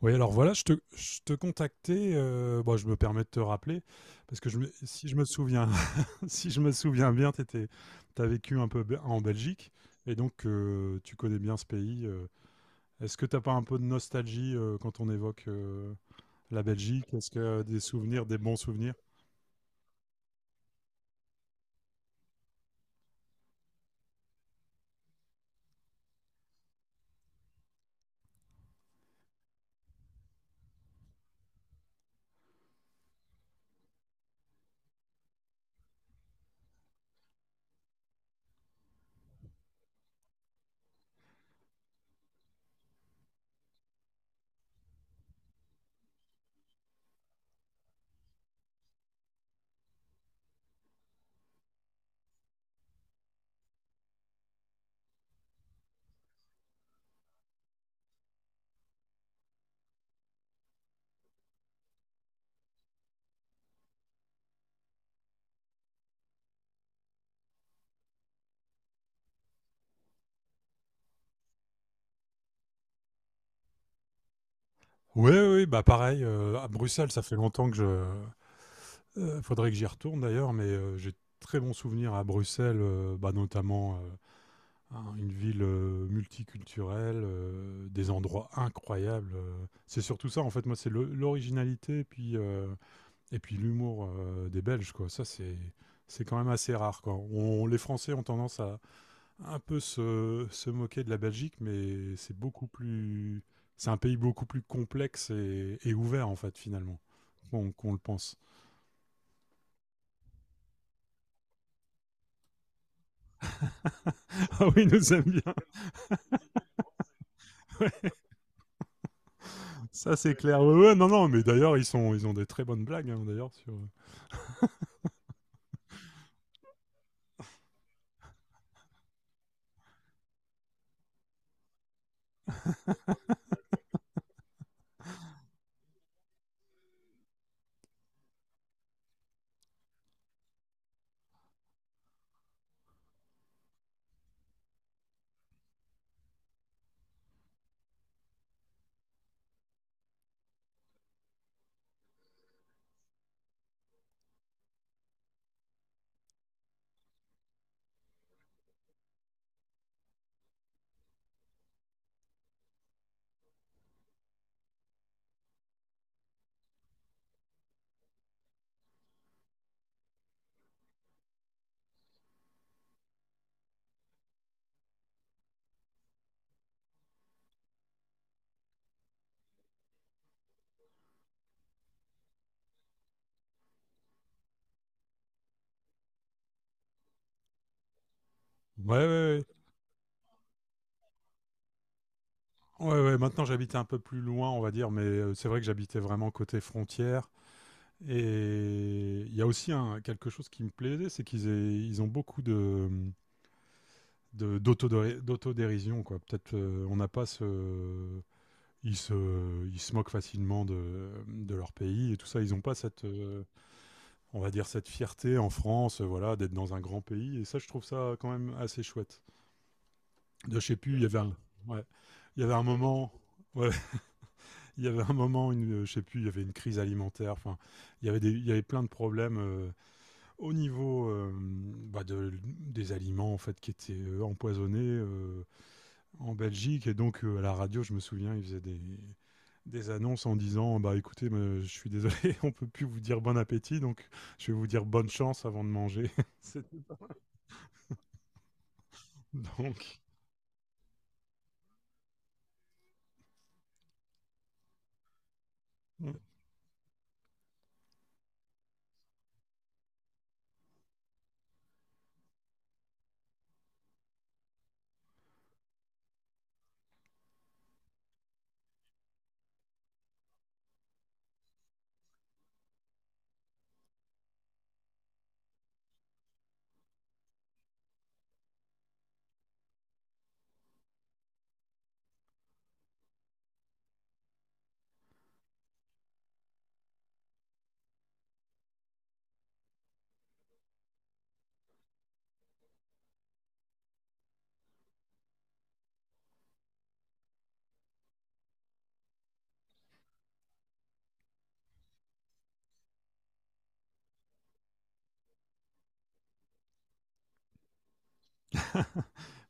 Oui, alors voilà, je te contactais, bon, je me permets de te rappeler, parce que si je me souviens, si je me souviens bien, tu as vécu un peu en Belgique, et donc tu connais bien ce pays. Est-ce que t'as pas un peu de nostalgie quand on évoque la Belgique? Est-ce que des souvenirs, des bons souvenirs? Oui, oui, bah pareil, à Bruxelles, ça fait longtemps que je... faudrait que j'y retourne d'ailleurs, mais j'ai de très bons souvenirs à Bruxelles, bah, notamment, hein, une ville multiculturelle, des endroits incroyables. C'est surtout ça, en fait, moi, c'est l'originalité et puis l'humour des Belges, quoi. Ça, c'est. C'est quand même assez rare, quoi. Les Français ont tendance à un peu se moquer de la Belgique, mais c'est un pays beaucoup plus complexe et ouvert, en fait, finalement, qu'on le pense. Ah oui, ils nous aiment bien. Ça, c'est clair. Ouais, ouais, non, non, mais d'ailleurs, ils ont des très bonnes blagues, hein, d'ailleurs, sur... Ouais, ouais, ouais. Ouais, ouais, maintenant j'habite un peu plus loin, on va dire, mais c'est vrai que j'habitais vraiment côté frontière. Et il y a aussi quelque chose qui me plaisait, c'est ils ont beaucoup d'autodérision, quoi. Peut-être on n'a pas ce... Ils se, Ils se moquent facilement de leur pays et tout ça. Ils n'ont pas cette, on va dire, cette fierté en France, voilà, d'être dans un grand pays. Et ça, je trouve ça quand même assez chouette. De, je sais plus, il y avait un, ouais, il y avait un moment... ouais, Il y avait un moment, je sais plus, il y avait une crise alimentaire. Enfin, il y avait plein de problèmes au niveau des aliments en fait qui étaient empoisonnés en Belgique. Et donc à la radio, je me souviens, des annonces en disant, bah écoutez, je suis désolé, on peut plus vous dire bon appétit, donc je vais vous dire bonne chance avant de manger. C'est- donc,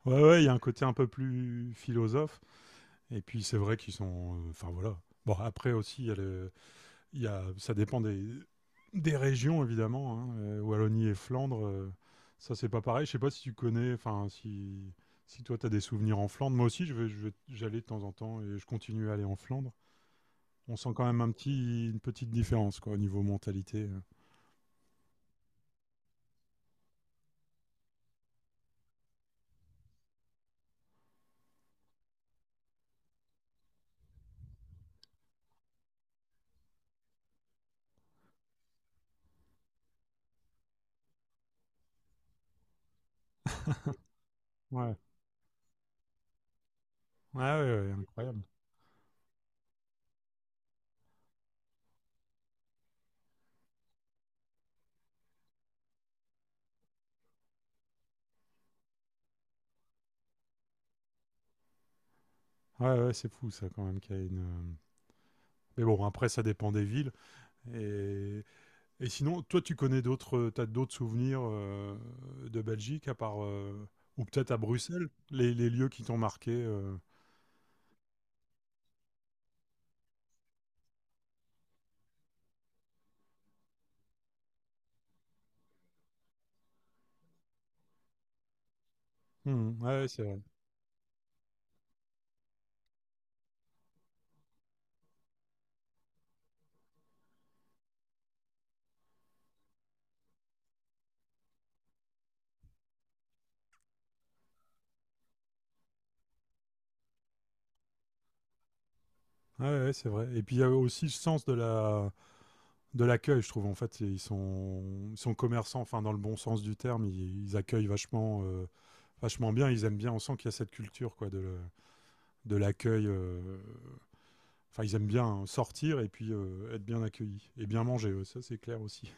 ouais, ouais, il y a un côté un peu plus philosophe. Et puis c'est vrai qu'ils sont, enfin voilà. Bon, après aussi, il y a, ça dépend des régions, évidemment. Hein. Wallonie et Flandre, ça, c'est pas pareil. Je sais pas si tu connais, enfin, si, si toi, tu as des souvenirs en Flandre. Moi aussi, j'allais de temps en temps et je continue à aller en Flandre. On sent quand même une petite différence, quoi, au niveau mentalité. euh. Ouais, ouais, ouais, ouais, incroyable. Ouais, ouais, c'est fou ça quand même qu'il y a une. Mais bon, après ça dépend des villes. Et Et sinon, toi, tu connais d'autres, t'as d'autres souvenirs de Belgique à part ou peut-être à Bruxelles, les lieux qui t'ont marqué. Mhm, ouais, c'est vrai. Ouais, ouais, c'est vrai. Et puis il y a aussi le sens de la de l'accueil, je trouve. En fait, ils sont commerçants, enfin dans le bon sens du terme, ils accueillent vachement vachement bien. Ils aiment bien. On sent qu'il y a cette culture quoi de l'accueil. Enfin, ils aiment bien sortir et puis être bien accueillis et bien manger. Ouais, ça, c'est clair aussi.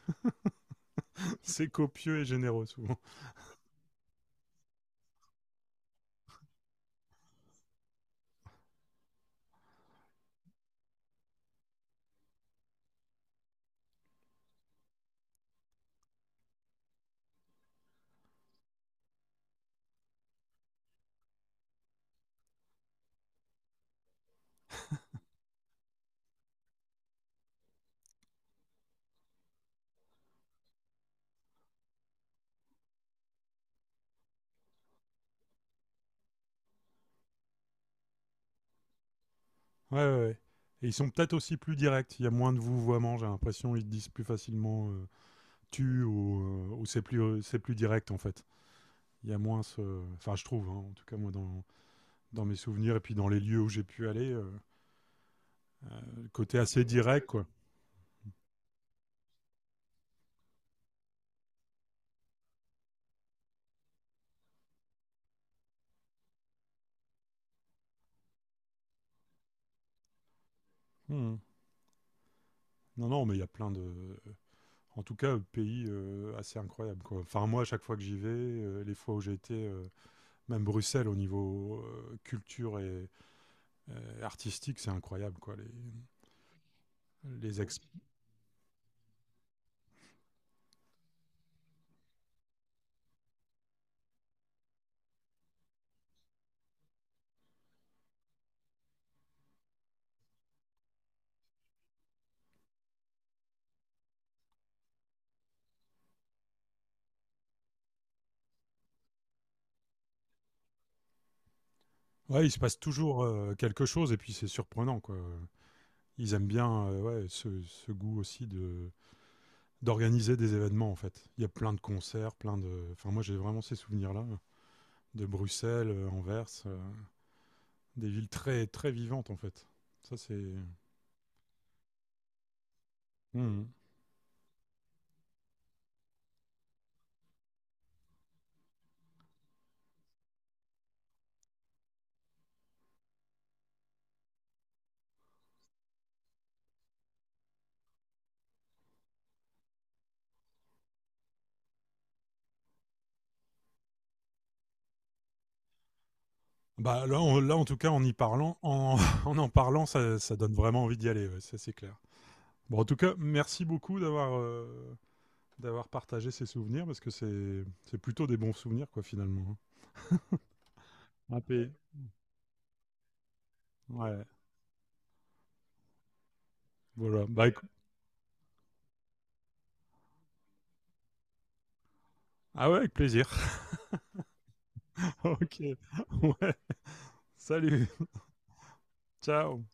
C'est copieux et généreux souvent. Ouais, ouais, ouais. Et ils sont peut-être aussi plus directs. Il y a moins de vouvoiement, j'ai l'impression. Ils disent plus facilement tu ou c'est plus direct en fait. Il y a moins ce. Enfin, je trouve, hein, en tout cas, moi, dans, dans mes souvenirs et puis dans les lieux où j'ai pu aller, le côté assez direct, quoi. Hmm. Non, non, mais il y a plein de. En tout cas, pays assez incroyable, quoi. Enfin, moi, à chaque fois que j'y vais, les fois où j'ai été, même Bruxelles, au niveau culture et artistique, c'est incroyable, quoi. Les Ouais, il se passe toujours, quelque chose et puis c'est surprenant, quoi. Ils aiment bien, ouais, ce ce goût aussi de d'organiser des événements, en fait. Il y a plein de concerts, plein de enfin, moi, j'ai vraiment ces souvenirs-là, de Bruxelles, Anvers, des villes très, très vivantes, en fait. Ça, c'est mmh. Bah, là, en tout cas, en y parlant en en parlant, ça donne vraiment envie d'y aller, ouais, ça, c'est clair. Bon, en tout cas, merci beaucoup d'avoir partagé ces souvenirs parce que c'est plutôt des bons souvenirs, quoi, finalement, hein. Ah beh, ouais, voilà. Ah ouais, avec plaisir. Ok. Ouais. Salut. Ciao.